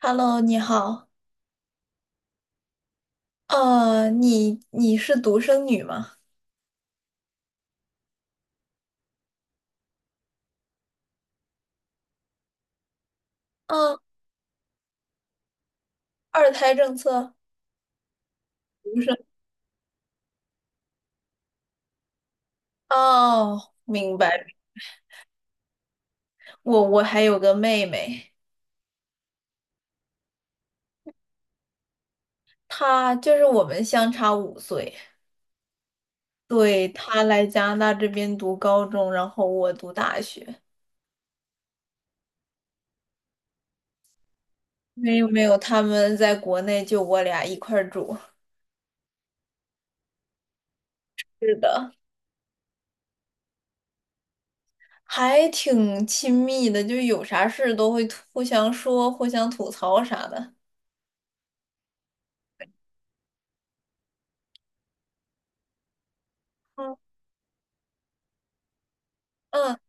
Hello，你好。你是独生女吗？嗯，二胎政策，独生。哦，明白。我还有个妹妹，她就是我们相差五岁。对，她来加拿大这边读高中，然后我读大学。没有没有，他们在国内就我俩一块儿住。是的，还挺亲密的，就有啥事都会互相说、互相吐槽啥的。嗯嗯。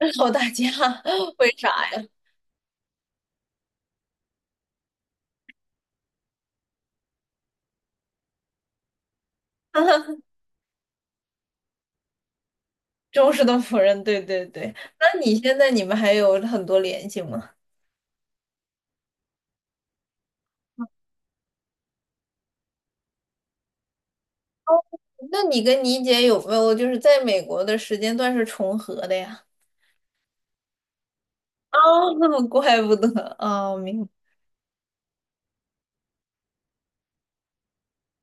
靠大家，为啥呀？忠实的仆人，对对对。那你现在你们还有很多联系吗？那你跟你姐有没有就是在美国的时间段是重合的呀？哦，那怪不得哦，明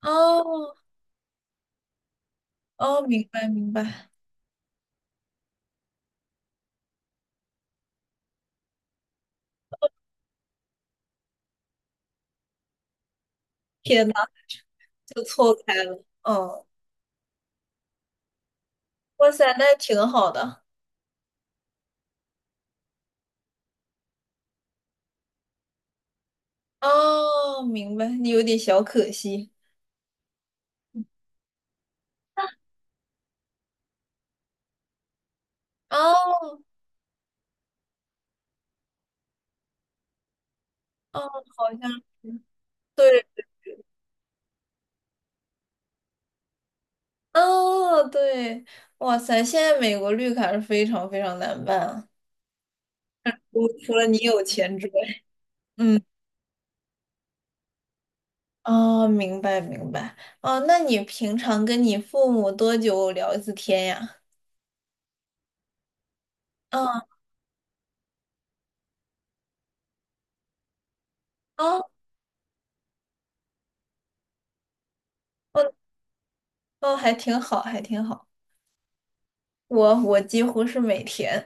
哦哦，明白明白。天呐，就错开了。哦，哇塞，那挺好的。哦，明白，你有点小可惜。哦哦，好像是。对。哦，对，哇塞，现在美国绿卡是非常非常难办啊。我除了你有钱之外，嗯，哦，明白明白。哦，那你平常跟你父母多久聊一次天呀？嗯，哦，哦，哦，还挺好，还挺好。我几乎是每天。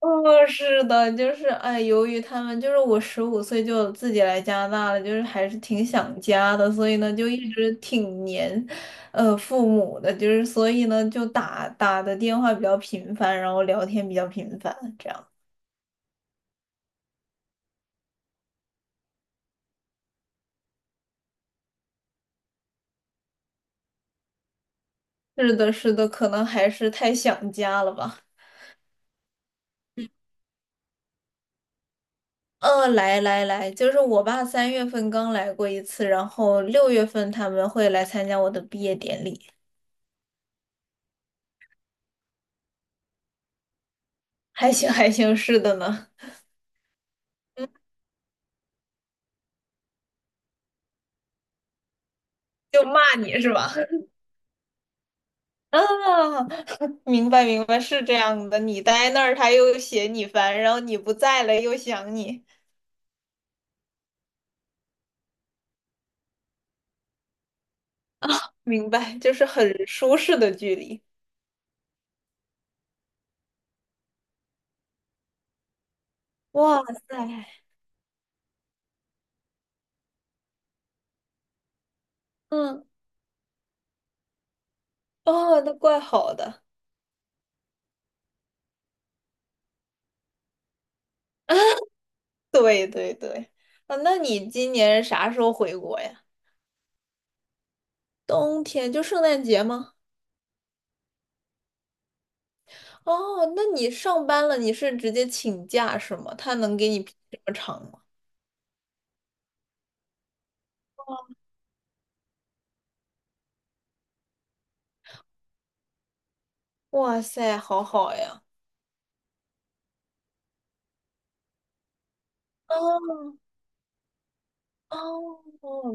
哦，是的，就是哎，由于他们就是我15岁就自己来加拿大了，就是还是挺想家的，所以呢就一直挺黏，父母的，就是所以呢就打的电话比较频繁，然后聊天比较频繁，这样。是的，是的，可能还是太想家了吧。来来来，就是我爸3月份刚来过一次，然后6月份他们会来参加我的毕业典礼，还行还行，是的呢，就骂你是吧？啊，明白明白，是这样的。你待那儿，他又嫌你烦，然后你不在了又想你，明白，就是很舒适的距离。哇塞，嗯，哦，那怪好的。对对对，啊，那你今年啥时候回国呀？冬天就圣诞节吗？哦，那你上班了，你是直接请假是吗？他能给你批这么长吗？哇塞，好好呀。哦哦，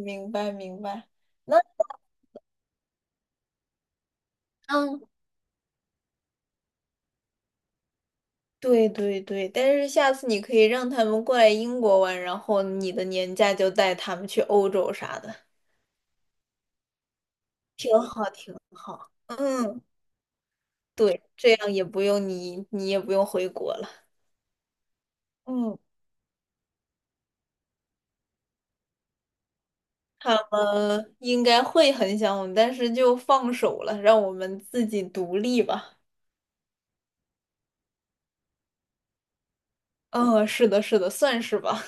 明白明白。那。嗯。对对对，但是下次你可以让他们过来英国玩，然后你的年假就带他们去欧洲啥的，挺好，挺好。嗯，对，这样也不用你，你也不用回国了。嗯，他们应该会很想我们，但是就放手了，让我们自己独立吧。嗯，是的，是的，算是吧。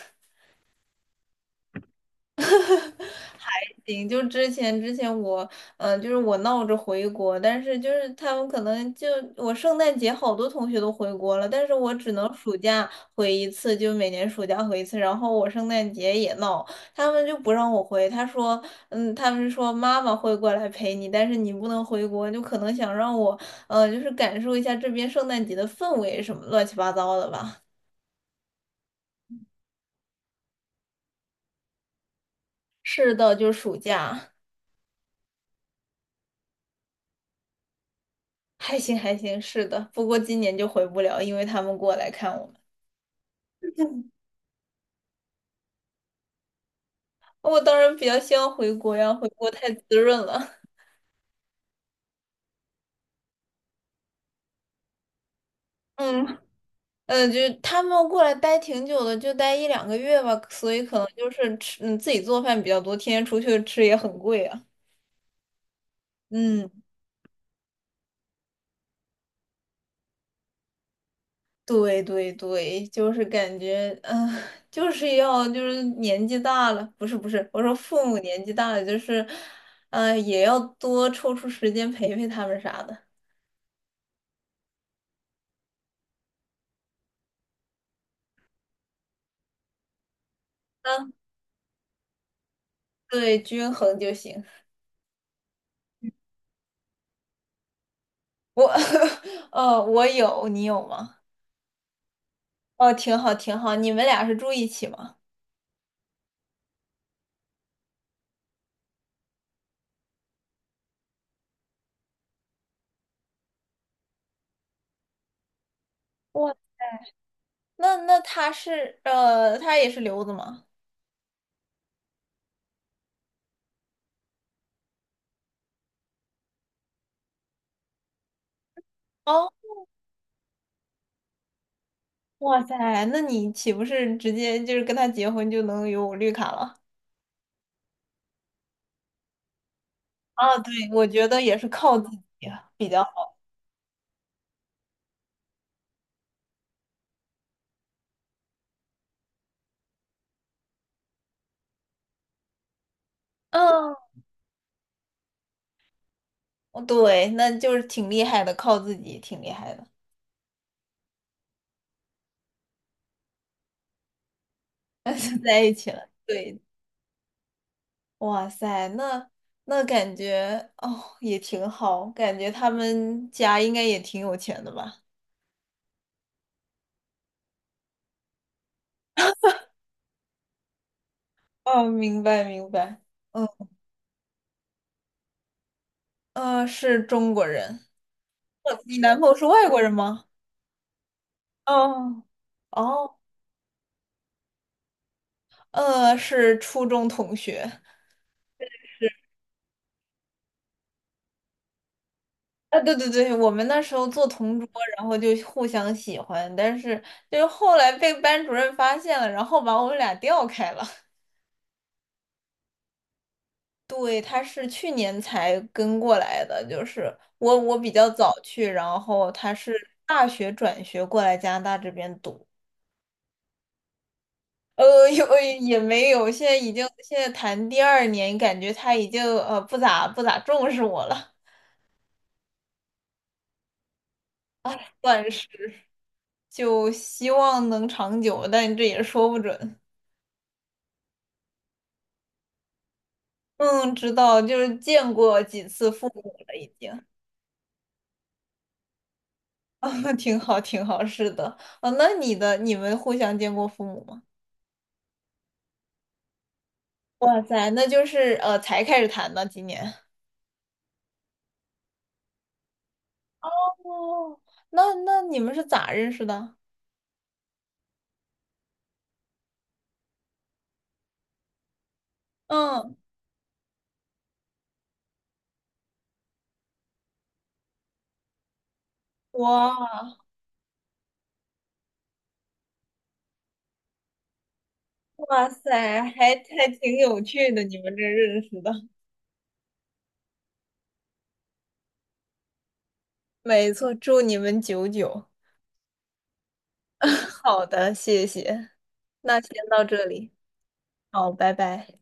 行，就之前我，嗯，就是我闹着回国，但是就是他们可能就我圣诞节好多同学都回国了，但是我只能暑假回一次，就每年暑假回一次。然后我圣诞节也闹，他们就不让我回，他说，嗯，他们说妈妈会过来陪你，但是你不能回国，就可能想让我，就是感受一下这边圣诞节的氛围什么乱七八糟的吧。是的，就是暑假，还行还行，是的，不过今年就回不了，因为他们过来看我。我当然比较希望回国呀，回国太滋润了。嗯，就是他们过来待挺久的，就待1到2个月吧，所以可能就是吃，嗯，自己做饭比较多，天天出去吃也很贵啊。嗯，对对对，就是感觉，嗯、就是要就是年纪大了，不是不是，我说父母年纪大了，就是，也要多抽出时间陪陪他们啥的。嗯，对，均衡就行。我，我有，你有吗？哦，挺好，挺好。你们俩是住一起吗？哇，那那他是他也是留子吗？哦，哇塞，那你岂不是直接就是跟他结婚就能有绿卡了？啊，对，我觉得也是靠自己啊比较好。嗯，哦对，那就是挺厉害的，靠自己挺厉害的，就在一起了。对，哇塞，那那感觉哦也挺好，感觉他们家应该也挺有钱的吧？哦，明白明白。嗯。是中国人。你男朋友是外国人吗？哦哦，是初中同学。啊，对对对，我们那时候做同桌，然后就互相喜欢，但是就是后来被班主任发现了，然后把我们俩调开了。对，他是去年才跟过来的，就是我比较早去，然后他是大学转学过来加拿大这边读。有也没有，现在已经现在谈第二年，感觉他已经不咋重视我了，算是就希望能长久，但这也说不准。嗯，知道，就是见过几次父母了，已经，啊，挺好，挺好，是的，啊，那你的你们互相见过父母吗？哇塞，那就是才开始谈的，今年。哦，那那你们是咋认识的？嗯，我。哇塞，还还挺有趣的，你们这认识的。没错，祝你们久久。好的，谢谢。那先到这里，好，拜拜。